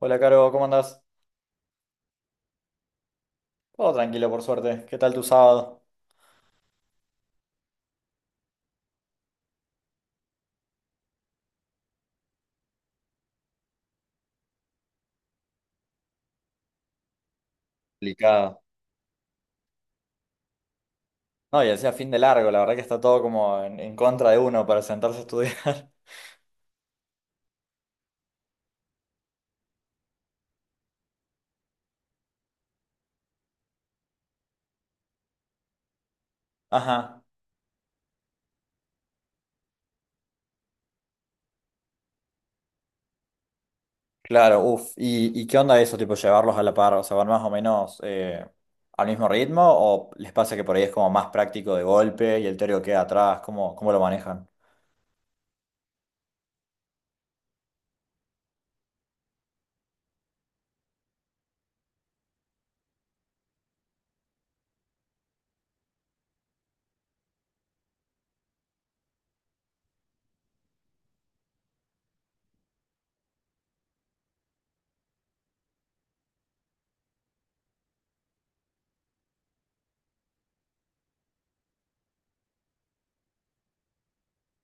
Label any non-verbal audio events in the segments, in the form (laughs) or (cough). Hola, Caro, ¿cómo andás? Todo tranquilo, por suerte. ¿Qué tal tu sábado? Complicado. No, y decía fin de largo, la verdad que está todo como en contra de uno para sentarse a estudiar. (laughs) Ajá. Claro, uff. ¿Y qué onda eso, tipo llevarlos a la par? O sea, ¿van más o menos al mismo ritmo? ¿O les pasa que por ahí es como más práctico de golpe y el teórico queda atrás? ¿Cómo lo manejan?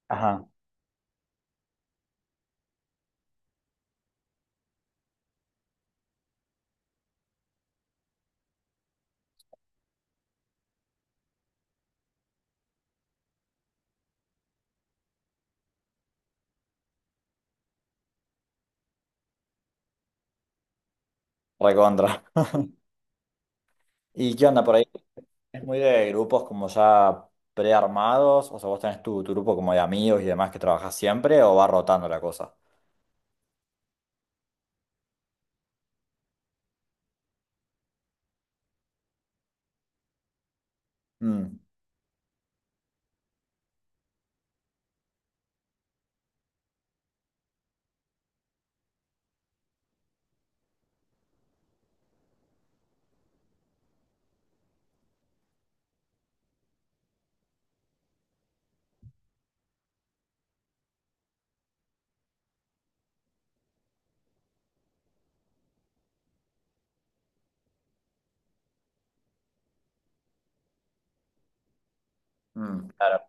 Ajá. Recontra. (laughs) ¿Y qué onda por ahí? ¿Es muy de grupos como ya prearmados? O sea, ¿vos tenés tu grupo como de amigos y demás que trabajás siempre o va rotando la cosa? Mm, mm. Claro.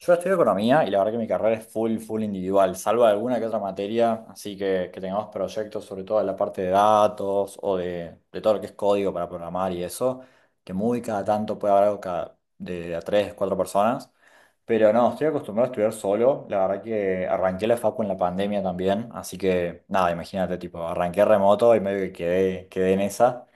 Yo estudio economía y la verdad que mi carrera es full, full individual, salvo alguna que otra materia, así que tengamos proyectos sobre todo en la parte de datos o de todo lo que es código para programar y eso, que muy cada tanto puede haber algo cada, de, a tres, cuatro personas, pero no, estoy acostumbrado a estudiar solo, la verdad que arranqué la facu en la pandemia también, así que nada, imagínate, tipo, arranqué remoto y medio que quedé en esa.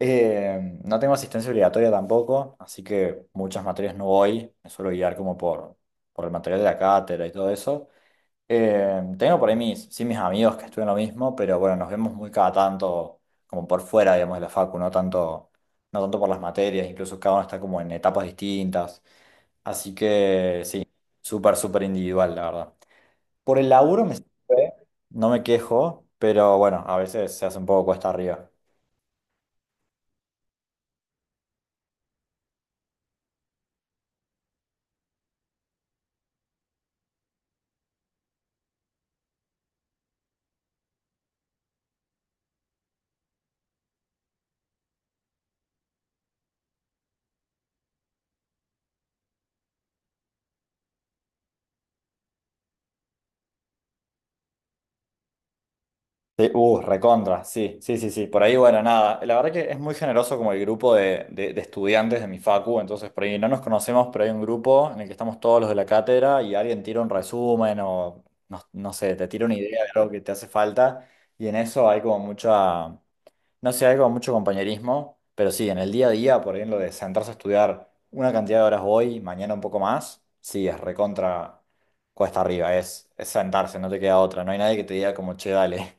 No tengo asistencia obligatoria tampoco, así que muchas materias no voy, me suelo guiar como por el material de la cátedra y todo eso. Tengo por ahí mis, sí, mis amigos que estudian lo mismo, pero bueno, nos vemos muy cada tanto, como por fuera, digamos, de la facu, no tanto, no tanto por las materias, incluso cada uno está como en etapas distintas. Así que sí, súper, súper individual, la verdad. Por el laburo me sirve, no me quejo, pero bueno, a veces se hace un poco cuesta arriba. Sí, recontra, sí, sí, sí, sí. Por ahí, bueno, nada. La verdad que es muy generoso como el grupo de estudiantes de mi facu, entonces por ahí no nos conocemos, pero hay un grupo en el que estamos todos los de la cátedra y alguien tira un resumen o no, no sé, te tira una idea de algo que te hace falta y en eso hay como mucha, no sé, hay como mucho compañerismo, pero sí, en el día a día, por ahí en lo de sentarse a estudiar una cantidad de horas hoy, mañana un poco más, sí, es recontra cuesta arriba, es sentarse, no te queda otra, no hay nadie que te diga como, che, dale.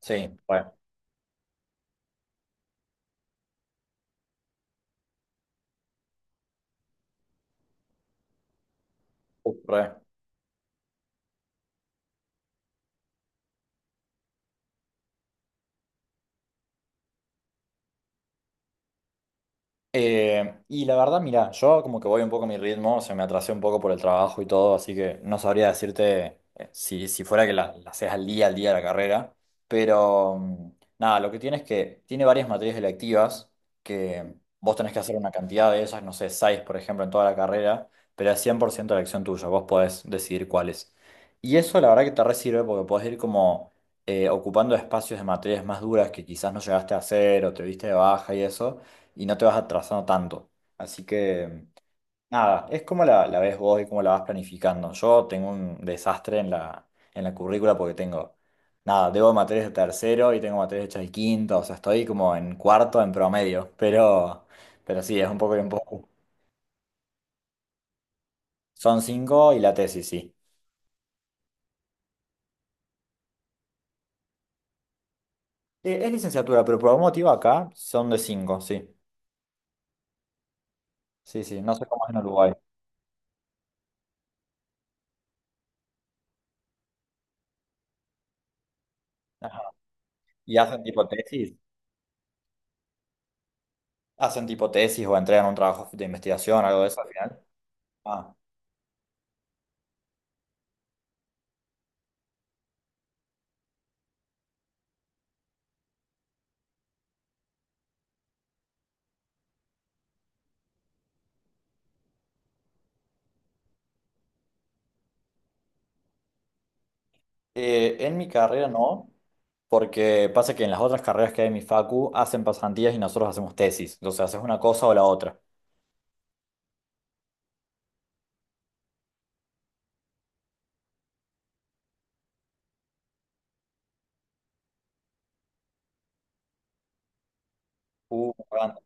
Sì, re, re. Y la verdad, mira, yo como que voy un poco a mi ritmo, se me atrasé un poco por el trabajo y todo, así que no sabría decirte si, si fuera que la, haces al día de la carrera, pero nada, lo que tiene es que tiene varias materias electivas que vos tenés que hacer una cantidad de ellas, no sé, seis por ejemplo en toda la carrera, pero es 100% elección tuya, vos podés decidir cuáles. Y eso la verdad que te re sirve porque podés ir como ocupando espacios de materias más duras que quizás no llegaste a hacer o te viste de baja y eso y no te vas atrasando tanto. Así que, nada, es como la, ves vos y cómo la vas planificando. Yo tengo un desastre en la currícula porque tengo, nada, debo materias de tercero y tengo materias hechas de quinto, o sea, estoy como en cuarto en promedio, (laughs) pero sí, es un poco y un poco. Son cinco y la tesis, sí. Es licenciatura, pero por algún motivo acá son de cinco, sí. Sí, sí, no sé cómo es en Uruguay. Ajá. ¿Y hacen tipo tesis? ¿Hacen tipo tesis o entregan un trabajo de investigación, algo de eso al final? Ah. En mi carrera no, porque pasa que en las otras carreras que hay en mi facu hacen pasantías y nosotros hacemos tesis. Entonces haces una cosa o la otra. Cagando.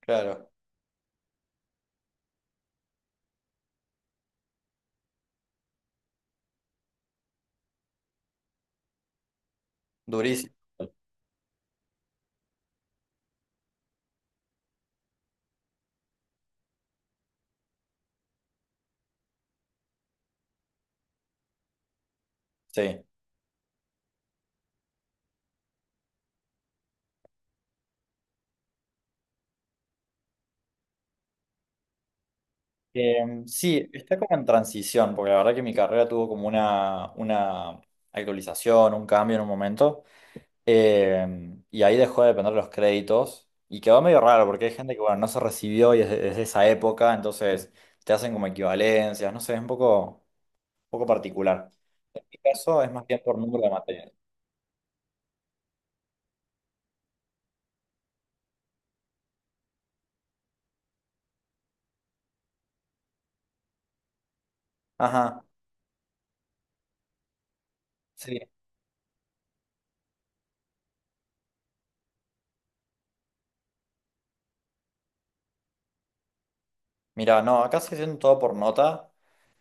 Claro, durísimo. Sí. Sí, está como en transición, porque la verdad que mi carrera tuvo como una, actualización, un cambio en un momento, y ahí dejó de depender los créditos, y quedó medio raro, porque hay gente que, bueno, no se recibió y es de, es esa época, entonces te hacen como equivalencias, no sé, es un poco particular. Caso es más bien por número de material. Ajá, sí. Mira, no, acá se haciendo todo por nota.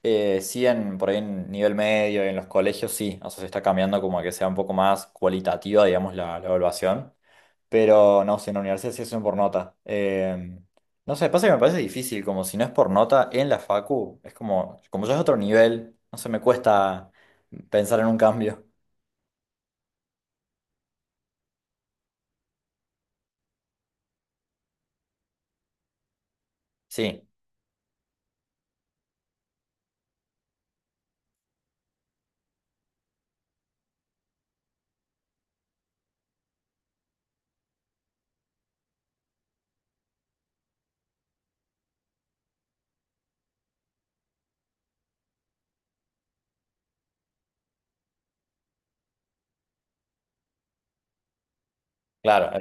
Sí, por ahí en nivel medio, en los colegios sí. O sea, se está cambiando como a que sea un poco más cualitativa, digamos, la, evaluación. Pero no, si en la universidad sí hacen por nota. No sé, pasa que me parece difícil, como si no es por nota en la facu, es como ya es otro nivel, no se me cuesta pensar en un cambio. Sí, claro.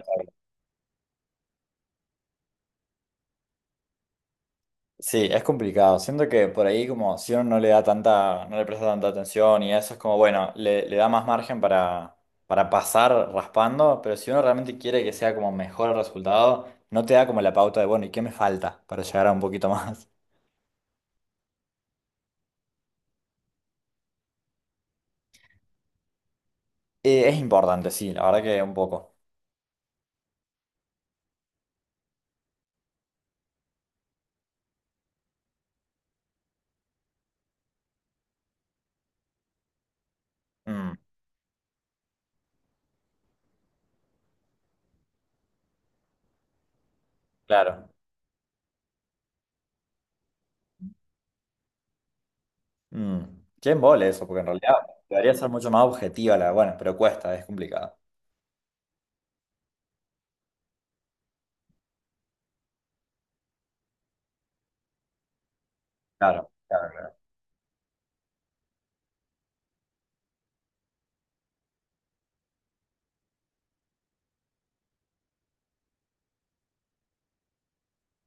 Sí, es complicado. Siento que por ahí como si uno no le da tanta, no le presta tanta atención y eso es como, bueno, le, da más margen para pasar raspando, pero si uno realmente quiere que sea como mejor el resultado, no te da como la pauta de, bueno, ¿y qué me falta para llegar a un poquito más? (laughs) Es importante, sí, la verdad que un poco. Mm, claro. Mm. Qué embole eso, porque en realidad debería ser mucho más objetiva la, bueno, pero cuesta, es complicado. Claro, claro, claro.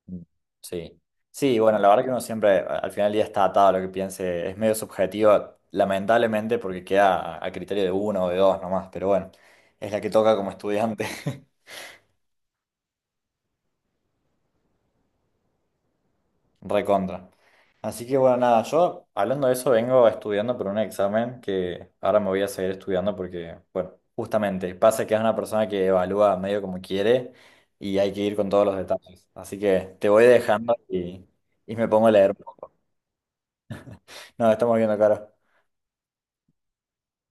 Mm, sí, sí, bueno, la verdad que uno siempre al final del día está atado a lo que piense, es medio subjetivo, lamentablemente, porque queda a, criterio de uno o de dos nomás, pero bueno, es la que toca como estudiante, (laughs) recontra. Así que bueno, nada, yo hablando de eso vengo estudiando por un examen que ahora me voy a seguir estudiando porque, bueno, justamente pasa que es una persona que evalúa medio como quiere y hay que ir con todos los detalles. Así que te voy dejando y me pongo a leer. No, estamos viendo, Caro.